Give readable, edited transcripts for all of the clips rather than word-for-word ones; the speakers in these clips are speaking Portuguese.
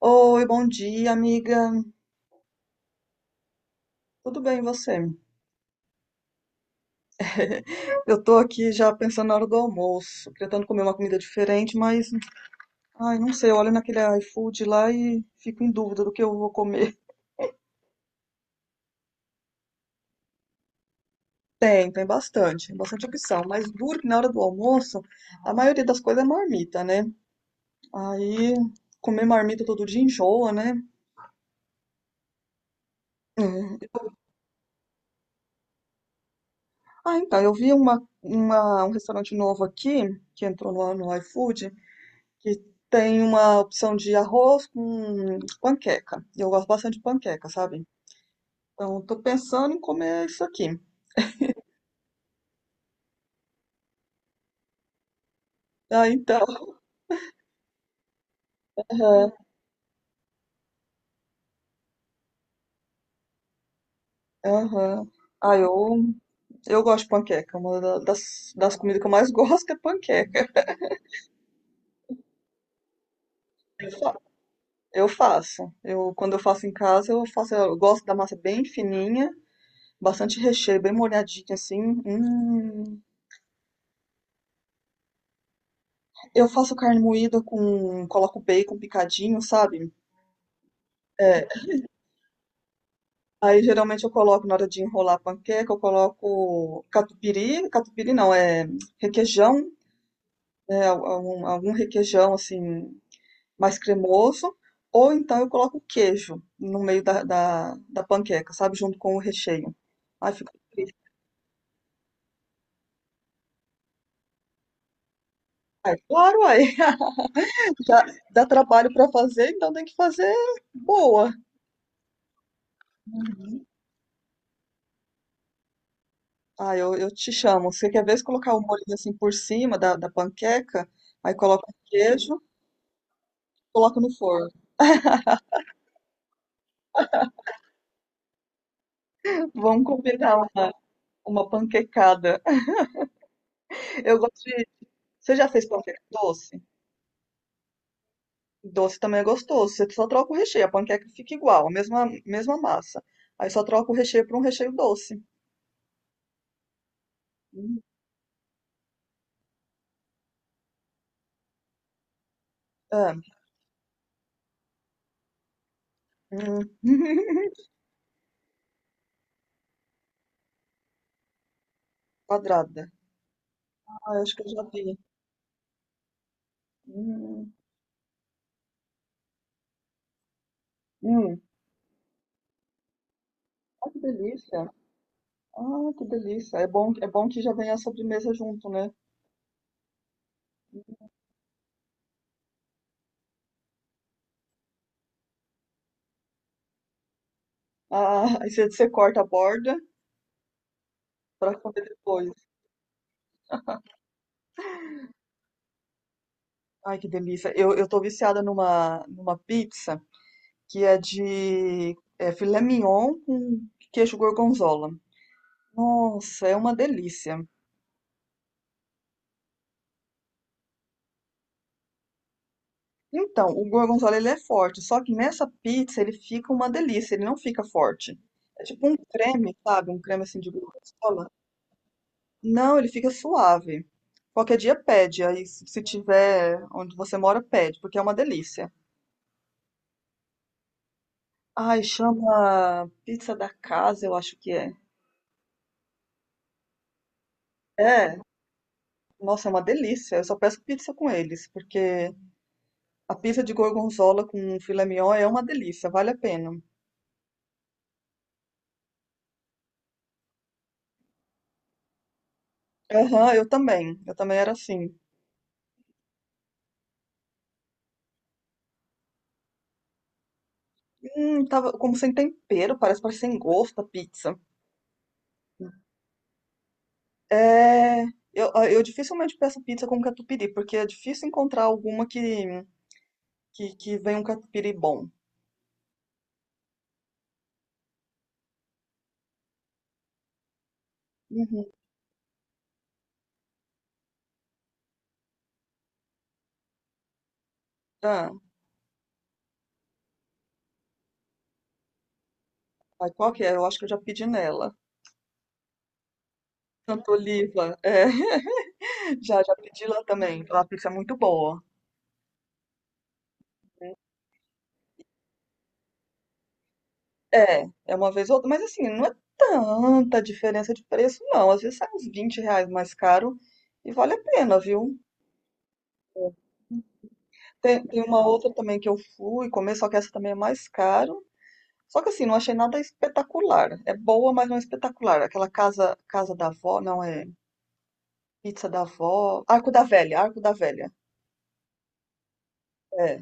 Oi, bom dia, amiga. Tudo bem, e você? Eu tô aqui já pensando na hora do almoço, tentando comer uma comida diferente, mas, ai, não sei, eu olho naquele iFood lá e fico em dúvida do que eu vou comer. Tem bastante, bastante opção, mas duro que na hora do almoço, a maioria das coisas é marmita, né? Aí, comer marmita todo dia enjoa, né? É. Ah, então, eu vi um restaurante novo aqui, que entrou no iFood, que tem uma opção de arroz com panqueca. E eu gosto bastante de panqueca, sabe? Então, eu tô pensando em comer isso aqui. Ah, então. Aham, aham. Ah, eu gosto de panqueca. Uma das comidas que eu mais gosto é panqueca. Eu fa- eu faço. Eu, quando eu faço em casa, eu faço. Eu gosto da massa bem fininha, bastante recheio, bem molhadinha assim. Hum. Eu faço carne moída com. Coloco bacon picadinho, sabe? É, aí geralmente eu coloco na hora de enrolar a panqueca, eu coloco catupiry, catupiry não, é requeijão, né, algum requeijão assim mais cremoso, ou então eu coloco queijo no meio da panqueca, sabe, junto com o recheio. Aí fica triste. Ai, claro, aí já dá trabalho para fazer, então tem que fazer boa. Ah, eu te chamo. Você quer ver se colocar o molho assim por cima da panqueca, aí coloca o queijo, coloca no forno. Vamos combinar uma panquecada. Eu gosto de. Você já fez panqueca doce? Doce também é gostoso. Você só troca o recheio. A panqueca fica igual, a mesma, mesma massa. Aí só troca o recheio por um recheio doce. Hum, é, hum. Quadrada. Ah, eu acho que eu já vi. Hum, hum. Ah, que delícia. Ah, que delícia. É bom que já vem a sobremesa junto, né? Ah, aí você corta a borda para comer depois. Ai, que delícia. Eu tô viciada numa pizza. Que é de filé mignon com queijo gorgonzola. Nossa, é uma delícia. Então, o gorgonzola ele é forte, só que nessa pizza ele fica uma delícia, ele não fica forte. É tipo um creme, sabe? Um creme assim de gorgonzola. Não, ele fica suave. Qualquer dia pede, aí se tiver onde você mora, pede, porque é uma delícia. Ai, chama pizza da casa, eu acho que é. É, nossa, é uma delícia. Eu só peço pizza com eles, porque a pizza de gorgonzola com filé mignon é uma delícia, vale a pena. Aham, eu também. Eu também era assim. Tava como sem tempero, parece, parece sem gosto a pizza. É, eu dificilmente peço pizza com catupiry, porque é difícil encontrar alguma que venha um catupiry bom. Uhum. Ah, aí qual que é? Eu acho que eu já pedi nela. Santa Oliva, é. Já pedi lá também. Lá a pizza é muito boa. É uma vez ou outra, mas assim, não é tanta diferença de preço, não. Às vezes sai uns R$ 20 mais caro e vale a pena, viu? Tem uma outra também que eu fui comer, só que essa também é mais caro. Só que assim, não achei nada espetacular. É boa, mas não é espetacular. Aquela casa, casa da avó, não é pizza da avó. Arco da Velha, Arco da Velha. É.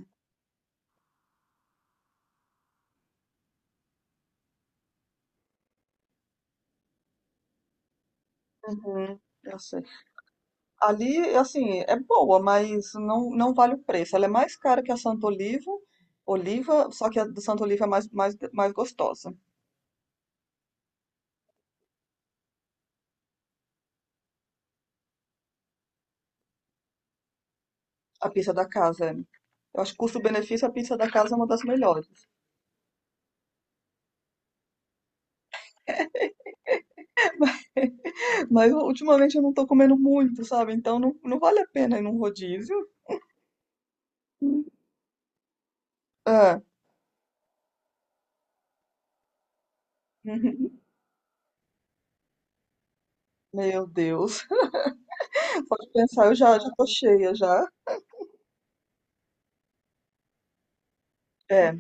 Uhum, eu sei. Ali, assim, é boa, mas não, não vale o preço. Ela é mais cara que a Santa Oliva, Oliva, só que a do Santa Oliva é mais, mais, mais gostosa. A pizza da casa. É. Eu acho que custo-benefício, a pizza da casa é uma das melhores. Mas mas ultimamente eu não tô comendo muito, sabe? Então não, não vale a pena ir num rodízio. Ah, meu Deus. Pode pensar, eu já, já tô cheia já. É.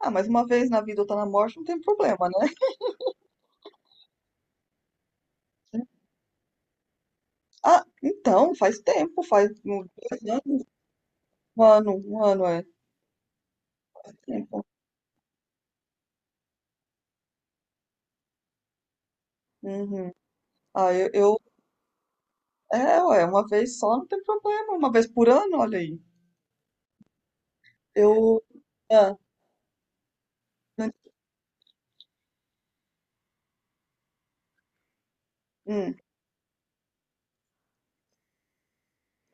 Ah, mas uma vez na vida ou tá na morte, não tem problema, né? Ah, então, faz tempo, faz um, dois anos, um ano, é, faz tempo. Uhum. Ah, é, ué, uma vez só não tem problema, uma vez por ano, olha aí. Eu, ah, não- hum,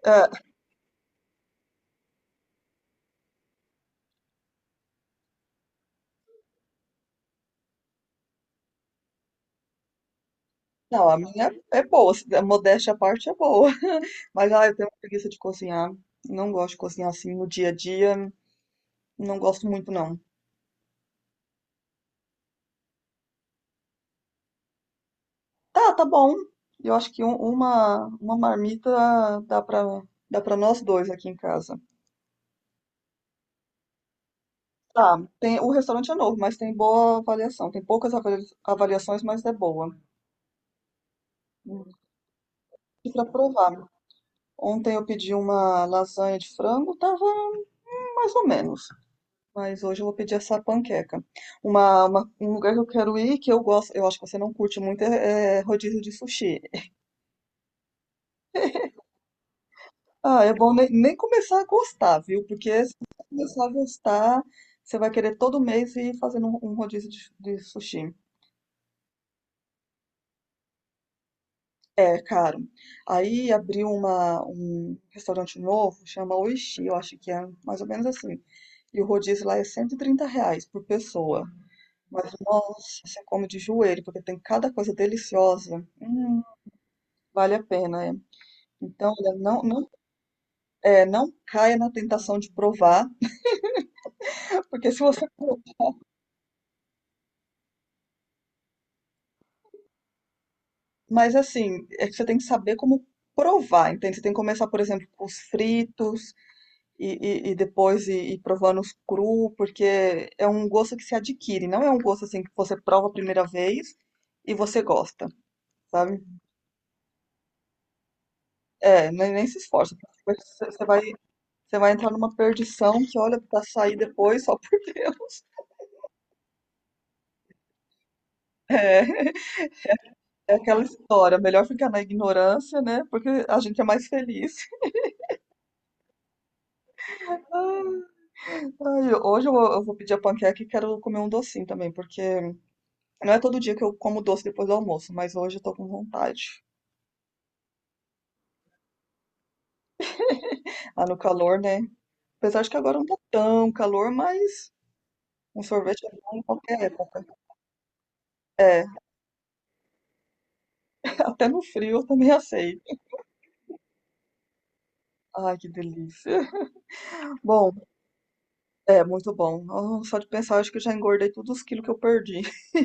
ah, não, a minha é boa, a modéstia à parte é boa, mas, eu tenho preguiça de cozinhar, não gosto de cozinhar assim no dia a dia, não gosto muito, não. Tá, tá bom, eu acho que uma marmita dá pra nós dois aqui em casa. Tá, tem, o restaurante é novo, mas tem boa avaliação. Tem poucas avaliações, mas é boa. Hum. E para provar, ontem eu pedi uma lasanha de frango, tava mais ou menos. Mas hoje eu vou pedir essa panqueca. Um lugar que eu quero ir, que eu gosto, eu acho que você não curte muito, é rodízio de sushi. Ah, é bom nem, nem começar a gostar, viu? Porque se você começar a gostar, você vai querer todo mês ir fazendo um rodízio de sushi. É caro. Aí abriu um restaurante novo, chama Oishi, eu acho que é mais ou menos assim. E o rodízio lá é R$ 130 por pessoa. Mas, nossa, você come de joelho, porque tem cada coisa deliciosa. Vale a pena, é. Então, olha, não, não, não caia na tentação de provar, porque se você. For- Mas, assim, é que você tem que saber como provar, entende? Você tem que começar, por exemplo, com os fritos, e, e depois ir provando os cru, porque é um gosto que se adquire, não é um gosto assim que você prova a primeira vez e você gosta, sabe? É, nem, nem se esforça, porque você vai entrar numa perdição que, olha, pra sair depois, só por Deus. É, aquela história, melhor ficar na ignorância, né? Porque a gente é mais feliz. Ah, Ai, hoje eu vou pedir a panqueca e quero comer um docinho também, porque não é todo dia que eu como doce depois do almoço, mas hoje eu tô com vontade. Ah, no calor, né? Apesar de que agora não tá tão calor, mas um sorvete é bom em qualquer época. É, até no frio eu também aceito. Ai, que delícia. Bom, é muito bom. Ah, só de pensar, acho que eu já engordei todos os quilos que eu perdi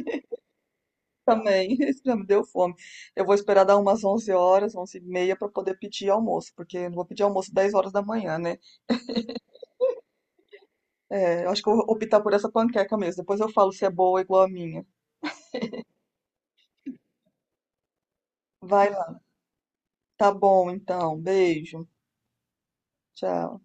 também. Isso já me deu fome. Eu vou esperar dar umas 11h, 11h30, para poder pedir almoço, porque eu não vou pedir almoço 10h da manhã, né? É, eu acho que eu vou optar por essa panqueca mesmo. Depois eu falo se é boa ou igual a minha. Vai lá. Tá bom, então. Beijo. Tchau.